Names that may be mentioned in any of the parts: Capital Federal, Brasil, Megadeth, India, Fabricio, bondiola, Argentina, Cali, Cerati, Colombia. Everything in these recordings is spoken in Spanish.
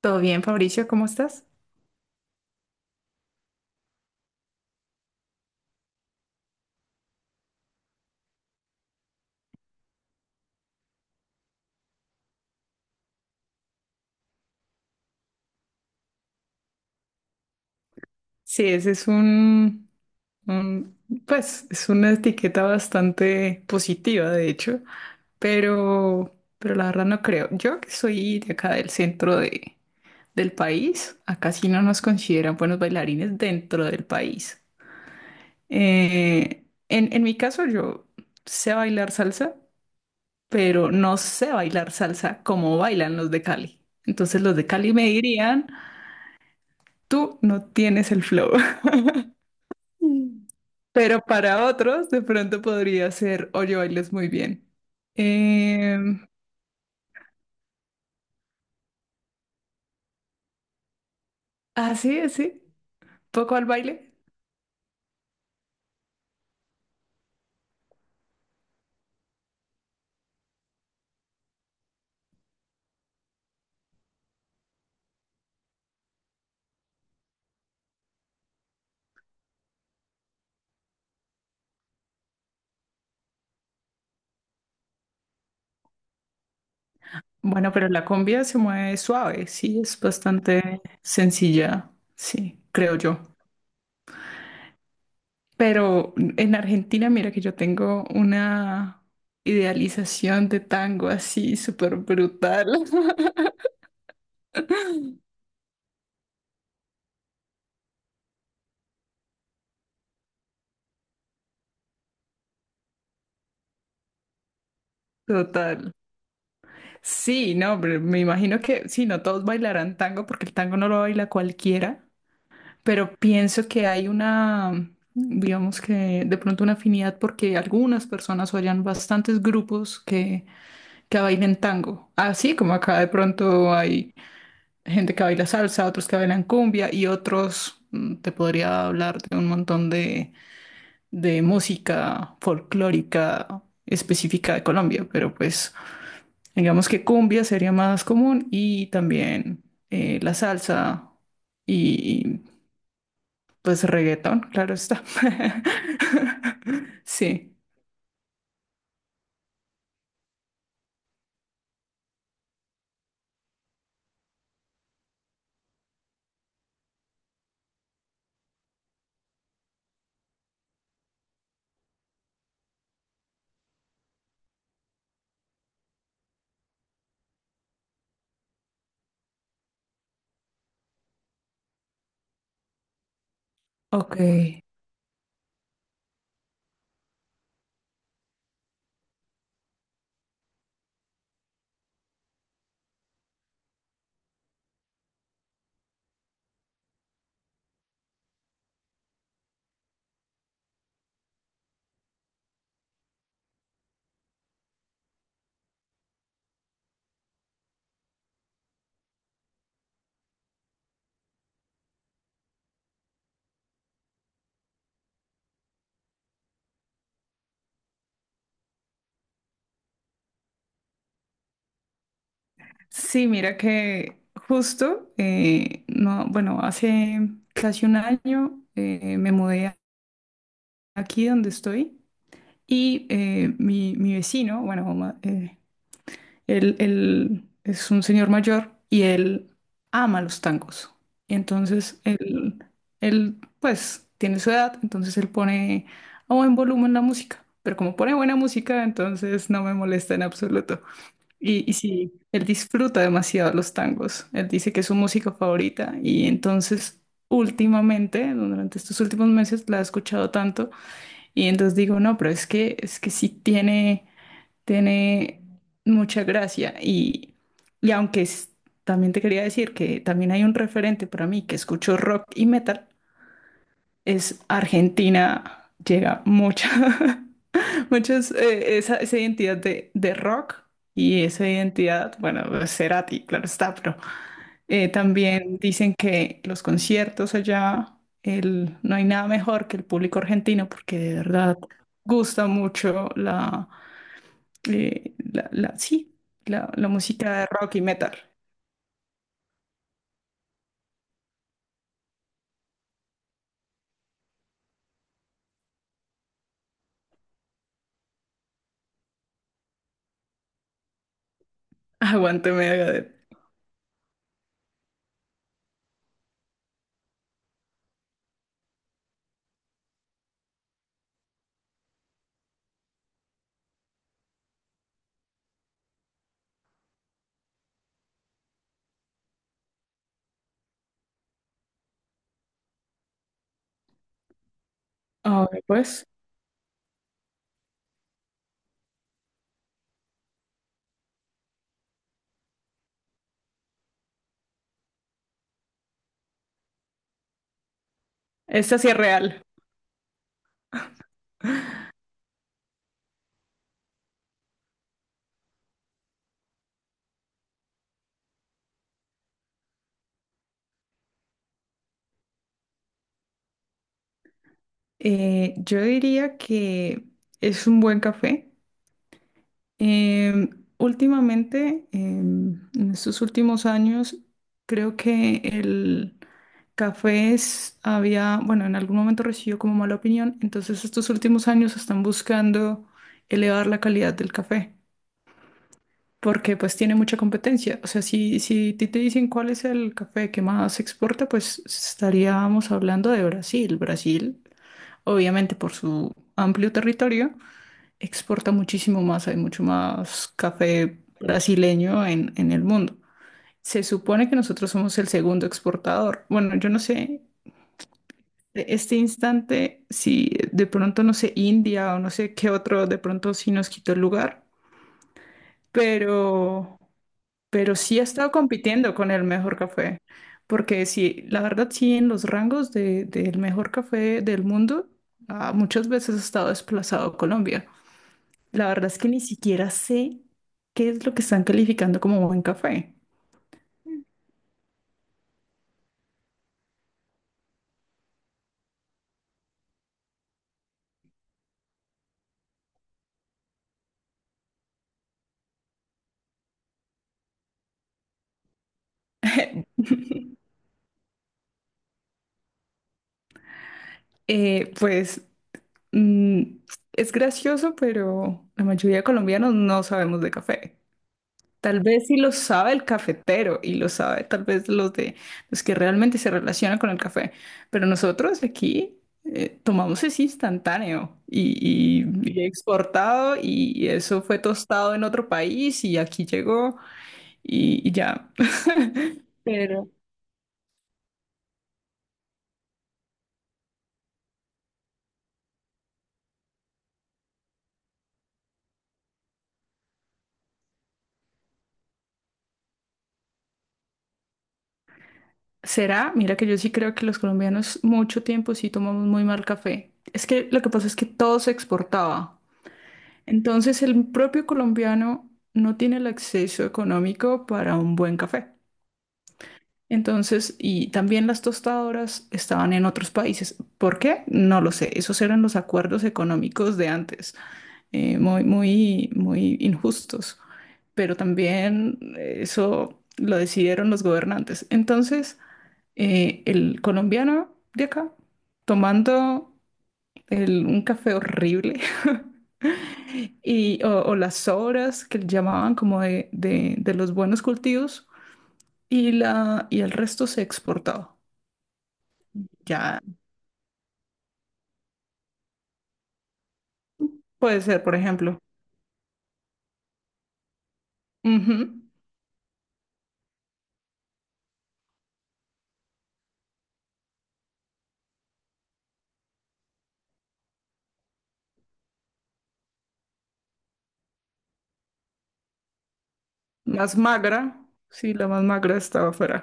Todo bien, Fabricio, ¿cómo estás? Sí, ese es un, un- es una etiqueta bastante positiva, de hecho, pero la verdad no creo. Yo que soy de acá del centro de, del país, acá sí no nos consideran buenos bailarines dentro del país. En mi caso, yo sé bailar salsa, pero no sé bailar salsa como bailan los de Cali. Entonces los de Cali me dirían, tú no tienes el flow. Pero para otros, de pronto podría ser, oye, bailas muy bien. Em, así, así, poco al baile. Bueno, pero la cumbia se mueve suave, sí, es bastante sencilla, sí, creo yo. Pero en Argentina, mira que yo tengo una idealización de tango así, súper brutal. Total. Sí, no, pero me imagino que sí, no todos bailarán tango porque el tango no lo baila cualquiera. Pero pienso que hay una, digamos que de pronto una afinidad porque algunas personas o hayan bastantes grupos que bailen tango, así como acá de pronto hay gente que baila salsa, otros que bailan cumbia y otros, mm, te podría hablar de un montón de música folclórica específica de Colombia, pero pues digamos que cumbia sería más común y también la salsa. Y pues reggaetón, claro está. Sí. Ok. Sí, mira que justo, no, bueno, hace casi un año me mudé aquí donde estoy y mi vecino, bueno, Él, él es un señor mayor y él ama los tangos. Y entonces, él, pues, tiene su edad, entonces él pone a buen volumen la música. Pero como pone buena música, entonces no me molesta en absoluto. Y sí, él disfruta demasiado los tangos. Él dice que es su música favorita y entonces... Últimamente, durante estos últimos meses, la he escuchado tanto y entonces digo, no, pero es que sí tiene, tiene mucha gracia y también te quería decir que también hay un referente para mí que escucho rock y metal, es Argentina, llega mucha, muchas, esa identidad de rock y esa identidad, bueno, pues, Cerati, claro está, pero también dicen que los conciertos allá, el, no hay nada mejor que el público argentino porque de verdad gusta mucho la sí, la música de rock y metal. Aguante Megadeth. A ver, pues, esta sí es real. Yo diría que es un buen café. Eh, últimamente, en estos últimos años, creo que el café había, bueno, en algún momento recibió como mala opinión, entonces estos últimos años están buscando elevar la calidad del café. Porque pues tiene mucha competencia. O sea, si, si ti te dicen cuál es el café que más se exporta, pues estaríamos hablando de Brasil. Brasil, obviamente por su amplio territorio, exporta muchísimo más, hay mucho más café brasileño en el mundo. Se supone que nosotros somos el segundo exportador. Bueno, yo no sé. De este instante, si de pronto, no sé, India o no sé qué otro, de pronto sí nos quitó el lugar, pero pero sí ha estado compitiendo con el mejor café, porque sí, la verdad sí, en los rangos de, del mejor café del mundo, ah, muchas veces ha estado desplazado Colombia. La verdad es que ni siquiera sé qué es lo que están calificando como buen café. Pues mm, es gracioso, pero la mayoría de colombianos no sabemos de café. Tal vez sí lo sabe el cafetero y lo sabe tal vez los que realmente se relacionan con el café, pero nosotros aquí tomamos es instantáneo y, y exportado y eso fue tostado en otro país y aquí llegó y ya. Pero será, mira que yo sí creo que los colombianos mucho tiempo sí tomamos muy mal café. Es que lo que pasa es que todo se exportaba. Entonces el propio colombiano no tiene el acceso económico para un buen café. Entonces, y también las tostadoras estaban en otros países. ¿Por qué? No lo sé. Esos eran los acuerdos económicos de antes, muy injustos. Pero también eso lo decidieron los gobernantes. Entonces, el colombiano de acá, tomando un café horrible, y, o las sobras que llamaban como de, de los buenos cultivos, y, y el resto se exportaba. Ya puede ser, por ejemplo. Ujú. Más magra. Sí, la más magra estaba afuera.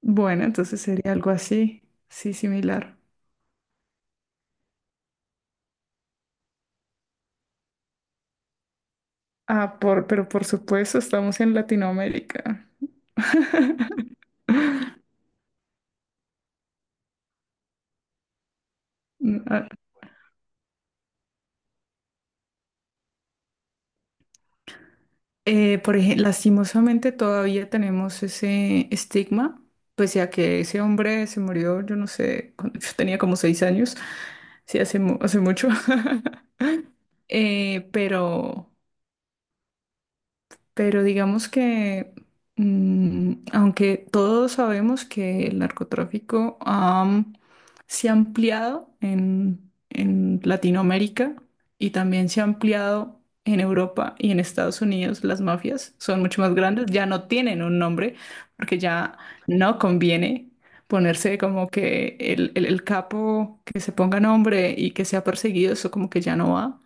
Bueno, entonces sería algo así. Sí, similar. Ah, por, pero por supuesto, estamos en Latinoamérica. Mm, ah, por ejemplo, lastimosamente todavía tenemos ese estigma, pese a que ese hombre se murió, yo no sé, cuando yo tenía como seis años, sí, hace, hace mucho. Pero Pero digamos que, mm, aunque todos sabemos que el narcotráfico am, se ha ampliado en Latinoamérica y también se ha ampliado en Europa y en Estados Unidos, las mafias son mucho más grandes, ya no tienen un nombre porque ya no conviene ponerse como que el el capo que se ponga nombre y que sea perseguido, eso como que ya no va.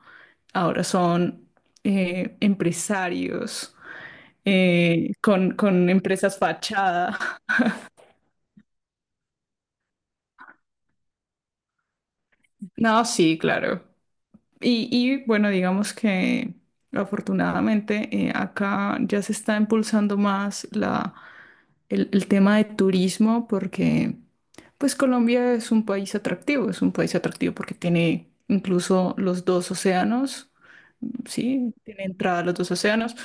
Ahora son empresarios con empresas fachada. No, sí, claro. Bueno, digamos que afortunadamente acá ya se está impulsando más la, el tema de turismo porque pues Colombia es un país atractivo, es un país atractivo porque tiene incluso los dos océanos, sí, tiene entrada a los dos océanos,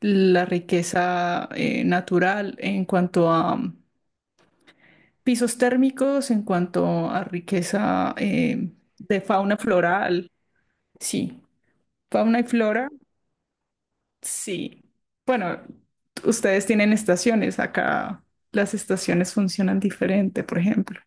la riqueza natural en cuanto a pisos térmicos en cuanto a riqueza de fauna floral, sí. Fauna y flora, sí. Bueno, ustedes tienen estaciones, acá las estaciones funcionan diferente, por ejemplo.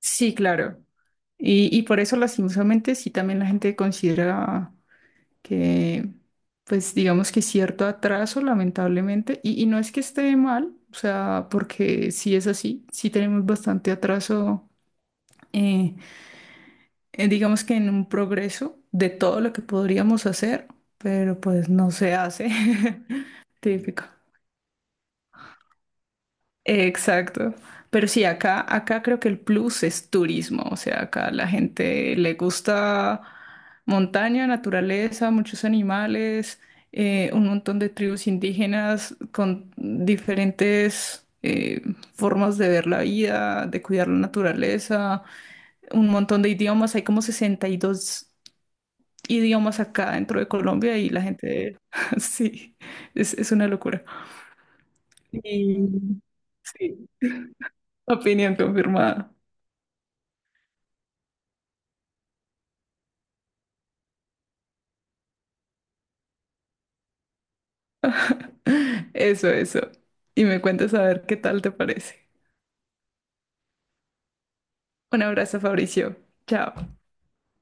Sí, claro. Y por eso, lastimosamente, sí también la gente considera que, pues digamos que cierto atraso, lamentablemente, y no es que esté mal, o sea, porque sí es así, sí tenemos bastante atraso. eh, digamos que en un progreso de todo lo que podríamos hacer, pero pues no se hace. Típico. Exacto. Pero sí, acá, acá creo que el plus es turismo. O sea, acá la gente le gusta montaña, naturaleza, muchos animales, un montón de tribus indígenas con diferentes formas de ver la vida, de cuidar la naturaleza, un montón de idiomas. Hay como 62 idiomas acá dentro de Colombia y la gente, sí, es una locura. Y sí, opinión confirmada. Eso, eso. Y me cuentas a ver qué tal te parece. Un abrazo, Fabricio. Chao.